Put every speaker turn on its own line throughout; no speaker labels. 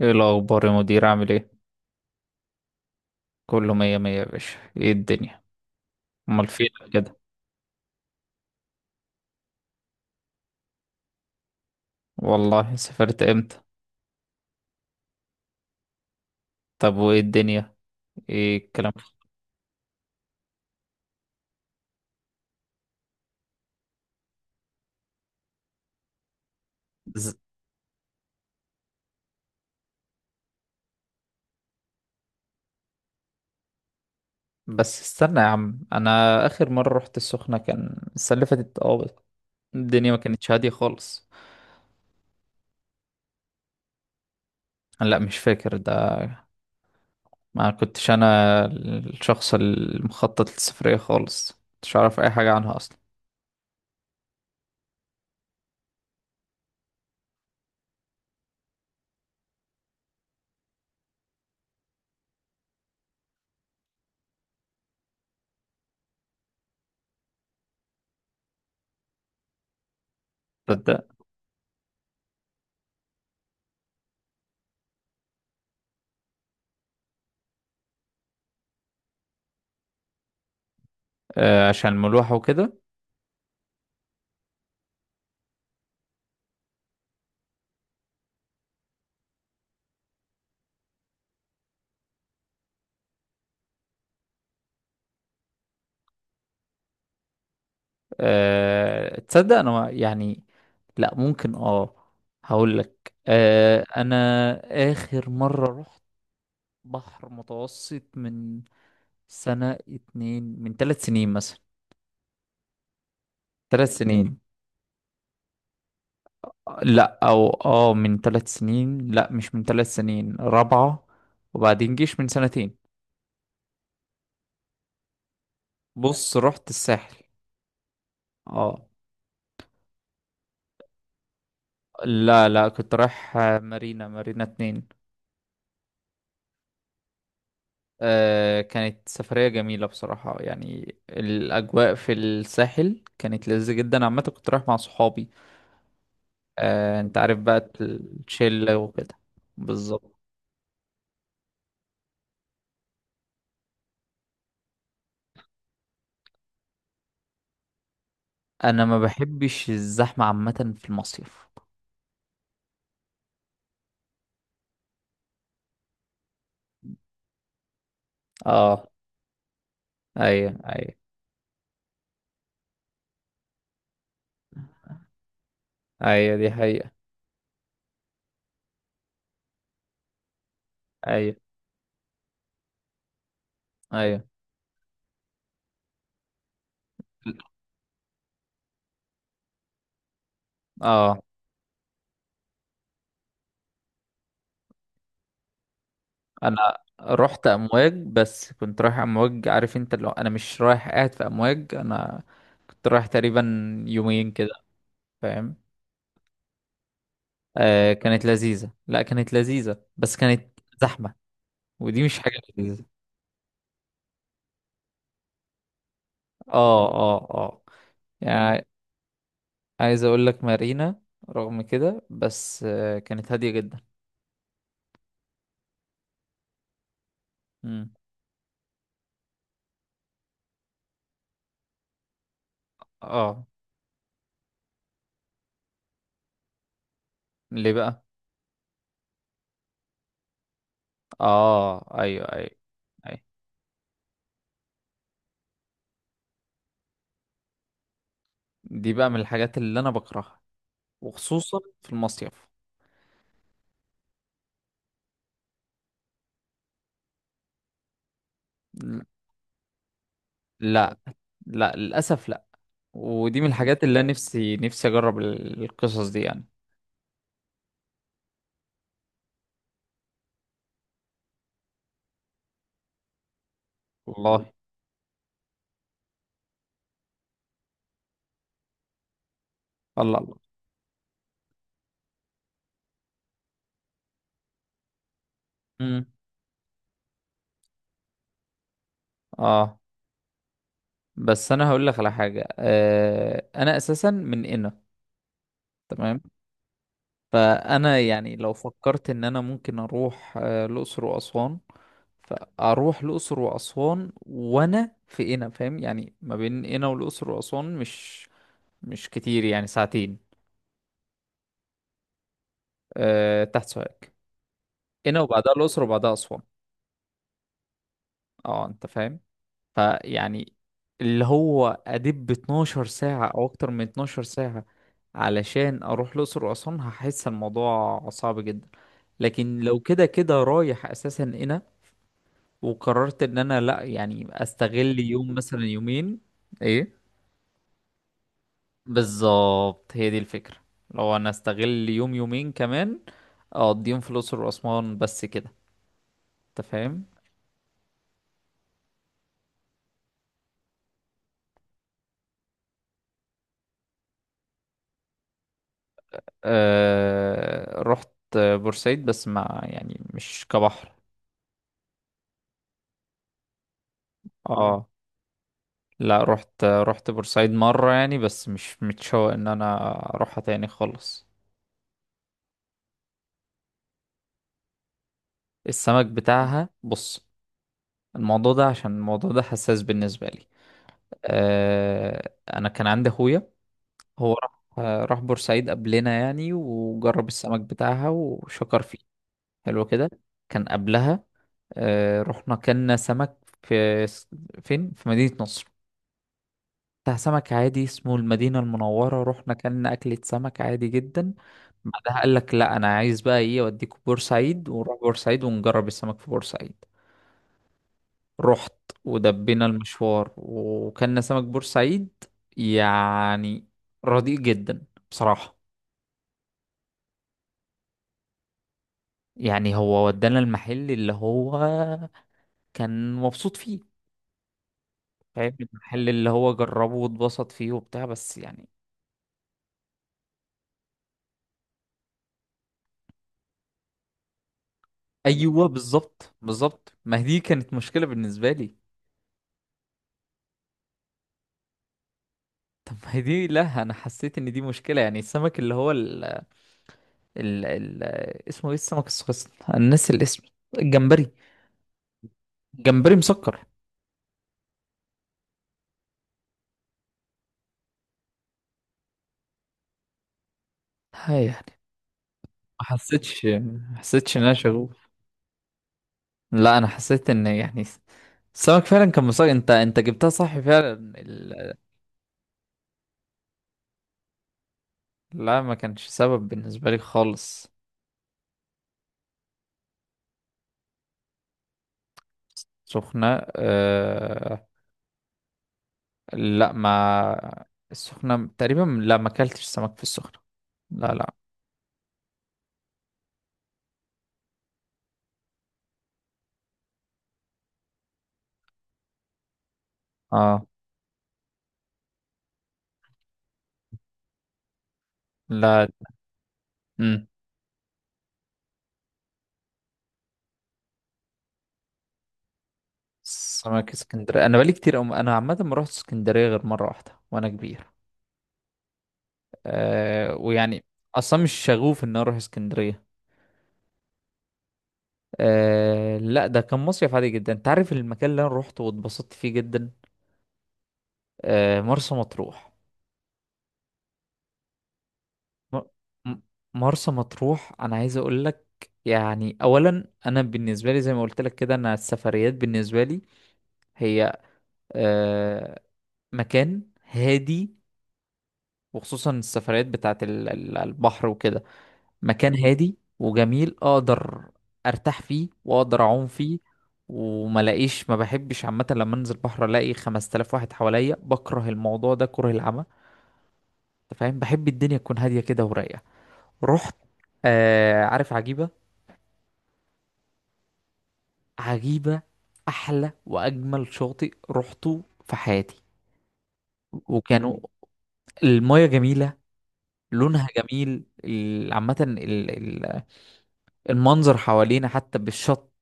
ايه الاخبار يا مدير، عامل ايه؟ كله مية مية يا باشا. ايه الدنيا؟ امال فين كده؟ والله سافرت امتى؟ طب وايه الدنيا؟ ايه الكلام؟ ز... بس استنى يا عم، انا اخر مرة رحت السخنة كان السنة اللي فاتت، بس الدنيا ما كانتش هادية خالص. لا، مش فاكر ده، ما كنتش انا الشخص المخطط للسفرية خالص، مش عارف اي حاجة عنها اصلا. تصدق. آه، عشان ملوحة وكده. تصدق انا يعني، لا ممكن هقول لك، انا اخر مرة رحت بحر متوسط من سنة اتنين، من 3 سنين مثلا. 3 سنين. لا او من 3 سنين، لا مش من 3 سنين، رابعة. وبعدين جيش من سنتين. بص، رحت الساحل. اه. لا لا، كنت رايح مارينا اتنين. كانت سفرية جميلة بصراحة، يعني الأجواء في الساحل كانت لذيذة جدا عامة، كنت رايح مع صحابي. أنت عارف بقى الشلة وكده. بالظبط. أنا ما بحبش الزحمة عامة في المصيف. اه. أيوه، أيوه. أيوه دي حقيقة. أيوه، أيوه. اه. أنا رحت أمواج، بس كنت رايح أمواج، عارف أنت اللي هو أنا مش رايح قاعد في أمواج، أنا كنت رايح تقريبا يومين كده، فاهم. كانت لذيذة، لا كانت لذيذة بس كانت زحمة، ودي مش حاجة لذيذة. اه، اه، اه. يعني عايز اقول لك مارينا، رغم كده، بس كانت هادية جدا. مم. اه. ليه بقى؟ اه، ايوه، ايوه. ايوه، دي بقى من الحاجات اللي انا بكرهها، وخصوصا في المصيف. ل- لا لا، للاسف لا. ودي من الحاجات اللي انا نفسي اجرب القصص دي يعني. والله. الله الله. مم. اه بس انا هقول لك على حاجه، انا اساسا من قنا. تمام. فانا يعني لو فكرت ان انا ممكن اروح، الاقصر واسوان، فاروح الاقصر واسوان وانا في قنا، فاهم يعني ما بين قنا والاقصر واسوان مش كتير، يعني ساعتين. أه، تحت سوهاج. قنا وبعدها الاقصر وبعدها اسوان. اه انت فاهم، فيعني اللي هو ادب 12 ساعة او اكتر من 12 ساعة علشان اروح الاقصر واسوان، هحس الموضوع صعب جدا. لكن لو كده كده رايح اساسا هنا، وقررت ان انا، لا يعني، استغل يوم مثلا، يومين. ايه. بالظبط، هي دي الفكرة. لو انا استغل يوم يومين كمان، اقضيهم في الاقصر واسوان بس كده، انت فاهم. أه، رحت بورسعيد بس ما يعني مش كبحر. اه، لا، رحت بورسعيد مرة يعني، بس مش متشوق ان انا اروحها تاني خالص. السمك بتاعها، بص، الموضوع ده عشان الموضوع ده حساس بالنسبة لي. انا كان عندي اخويا، هو راح بورسعيد قبلنا يعني، وجرب السمك بتاعها وشكر فيه. حلو كده، كان قبلها. رحنا كنا سمك في فين، في مدينة نصر، بتاع سمك عادي اسمه المدينة المنورة. رحنا كلنا أكلة سمك عادي جدا. بعدها قال لك لا، أنا عايز بقى إيه، أوديكوا بورسعيد، ونروح بورسعيد ونجرب السمك في بورسعيد. رحت، ودبينا المشوار، وكلنا سمك بورسعيد، يعني رديء جدا بصراحة. يعني هو ودانا المحل اللي هو كان مبسوط فيه، فاهم المحل اللي هو جربه واتبسط فيه وبتاع، بس يعني. ايوه، بالظبط بالظبط، ما هي دي كانت مشكلة بالنسبة لي. طب ما هي دي، لا انا حسيت ان دي مشكلة، يعني السمك اللي هو ال... ال... اسمه ايه السمك الصغير، انا ناسي الاسم. الجمبري. جمبري مسكر. هاي يعني، ما حسيتش ان انا شغوف. لا انا حسيت ان يعني السمك فعلا كان مسكر، انت جبتها صح فعلا لا ما كانش سبب بالنسبة لي خالص. سخنة. أه... لا ما. السخنة تقريبا، لا ما اكلتش سمك في السخنة. لا لا. اه. لا. مم. سمك اسكندرية، انا بقالي كتير، انا عامة ما رحت اسكندرية غير مرة واحدة وانا كبير. ويعني اصلا مش شغوف ان أنا اروح اسكندرية. لا ده كان مصيف عادي جدا، انت عارف المكان اللي انا روحته واتبسطت فيه جدا. مرسى مطروح. م... م- مرسى مطروح انا عايز اقول لك، يعني اولا انا بالنسبة لي، زي ما قلت لك كده، انا السفريات بالنسبة لي هي، أه... مكان هادي، وخصوصا السفريات بتاعت البحر وكده، مكان هادي وجميل، اقدر ارتاح فيه واقدر اعوم فيه، وما لاقيش. ما بحبش عامه لما انزل بحر الاقي 5000 واحد حواليا، بكره الموضوع ده كره العمى، انت فاهم. بحب الدنيا تكون هاديه كده ورايقه. رحت عارف عجيبه. عجيبه احلى واجمل شاطئ رحته في حياتي. وكانوا، المايه جميله، لونها جميل عامه ال- المنظر حوالينا حتى بالشط،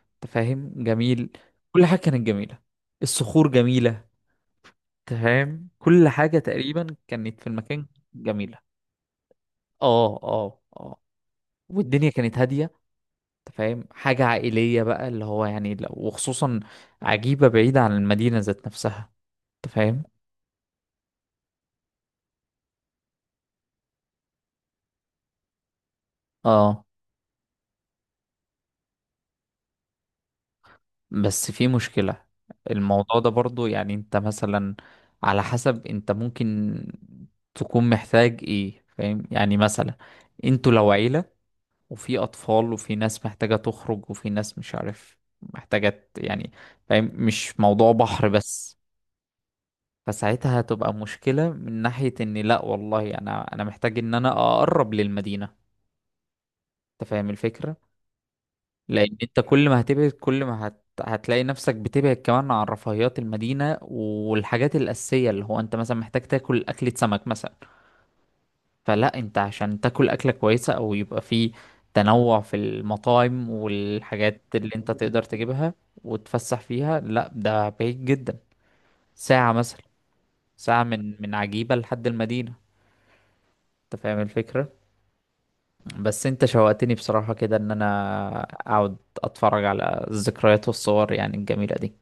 انت فاهم، جميل. كل حاجة كانت جميلة، الصخور جميلة، انت فاهم، كل حاجة تقريبا كانت في المكان جميلة. اه، اه، اه. والدنيا كانت هادية، انت فاهم، حاجة عائلية بقى، اللي هو يعني لو، وخصوصا عجيبة بعيدة عن المدينة ذات نفسها، انت فاهم. اه. بس في مشكلة، الموضوع ده برضو، يعني انت مثلا، على حسب، انت ممكن تكون محتاج ايه، فاهم يعني، مثلا انتوا لو عيلة، وفي أطفال، وفي ناس محتاجة تخرج، وفي ناس مش عارف محتاجة يعني، فاهم، مش موضوع بحر بس. فساعتها هتبقى مشكلة من ناحية، إن لأ والله، أنا محتاج إن أنا أقرب للمدينة. أنت فاهم الفكرة؟ لأن أنت كل ما هتبعد، كل ما هتلاقي نفسك بتبعد كمان عن رفاهيات المدينة والحاجات الأساسية، اللي هو أنت مثلا محتاج تاكل أكلة سمك مثلا، فلا انت، عشان تاكل اكله كويسه، او يبقى في تنوع في المطاعم والحاجات اللي انت تقدر تجيبها وتفسح فيها، لا ده بعيد جدا، ساعه مثلا، ساعه من عجيبه لحد المدينه، انت فاهم الفكره. بس انت شوقتني بصراحه كده، ان انا اقعد اتفرج على الذكريات والصور يعني الجميله دي.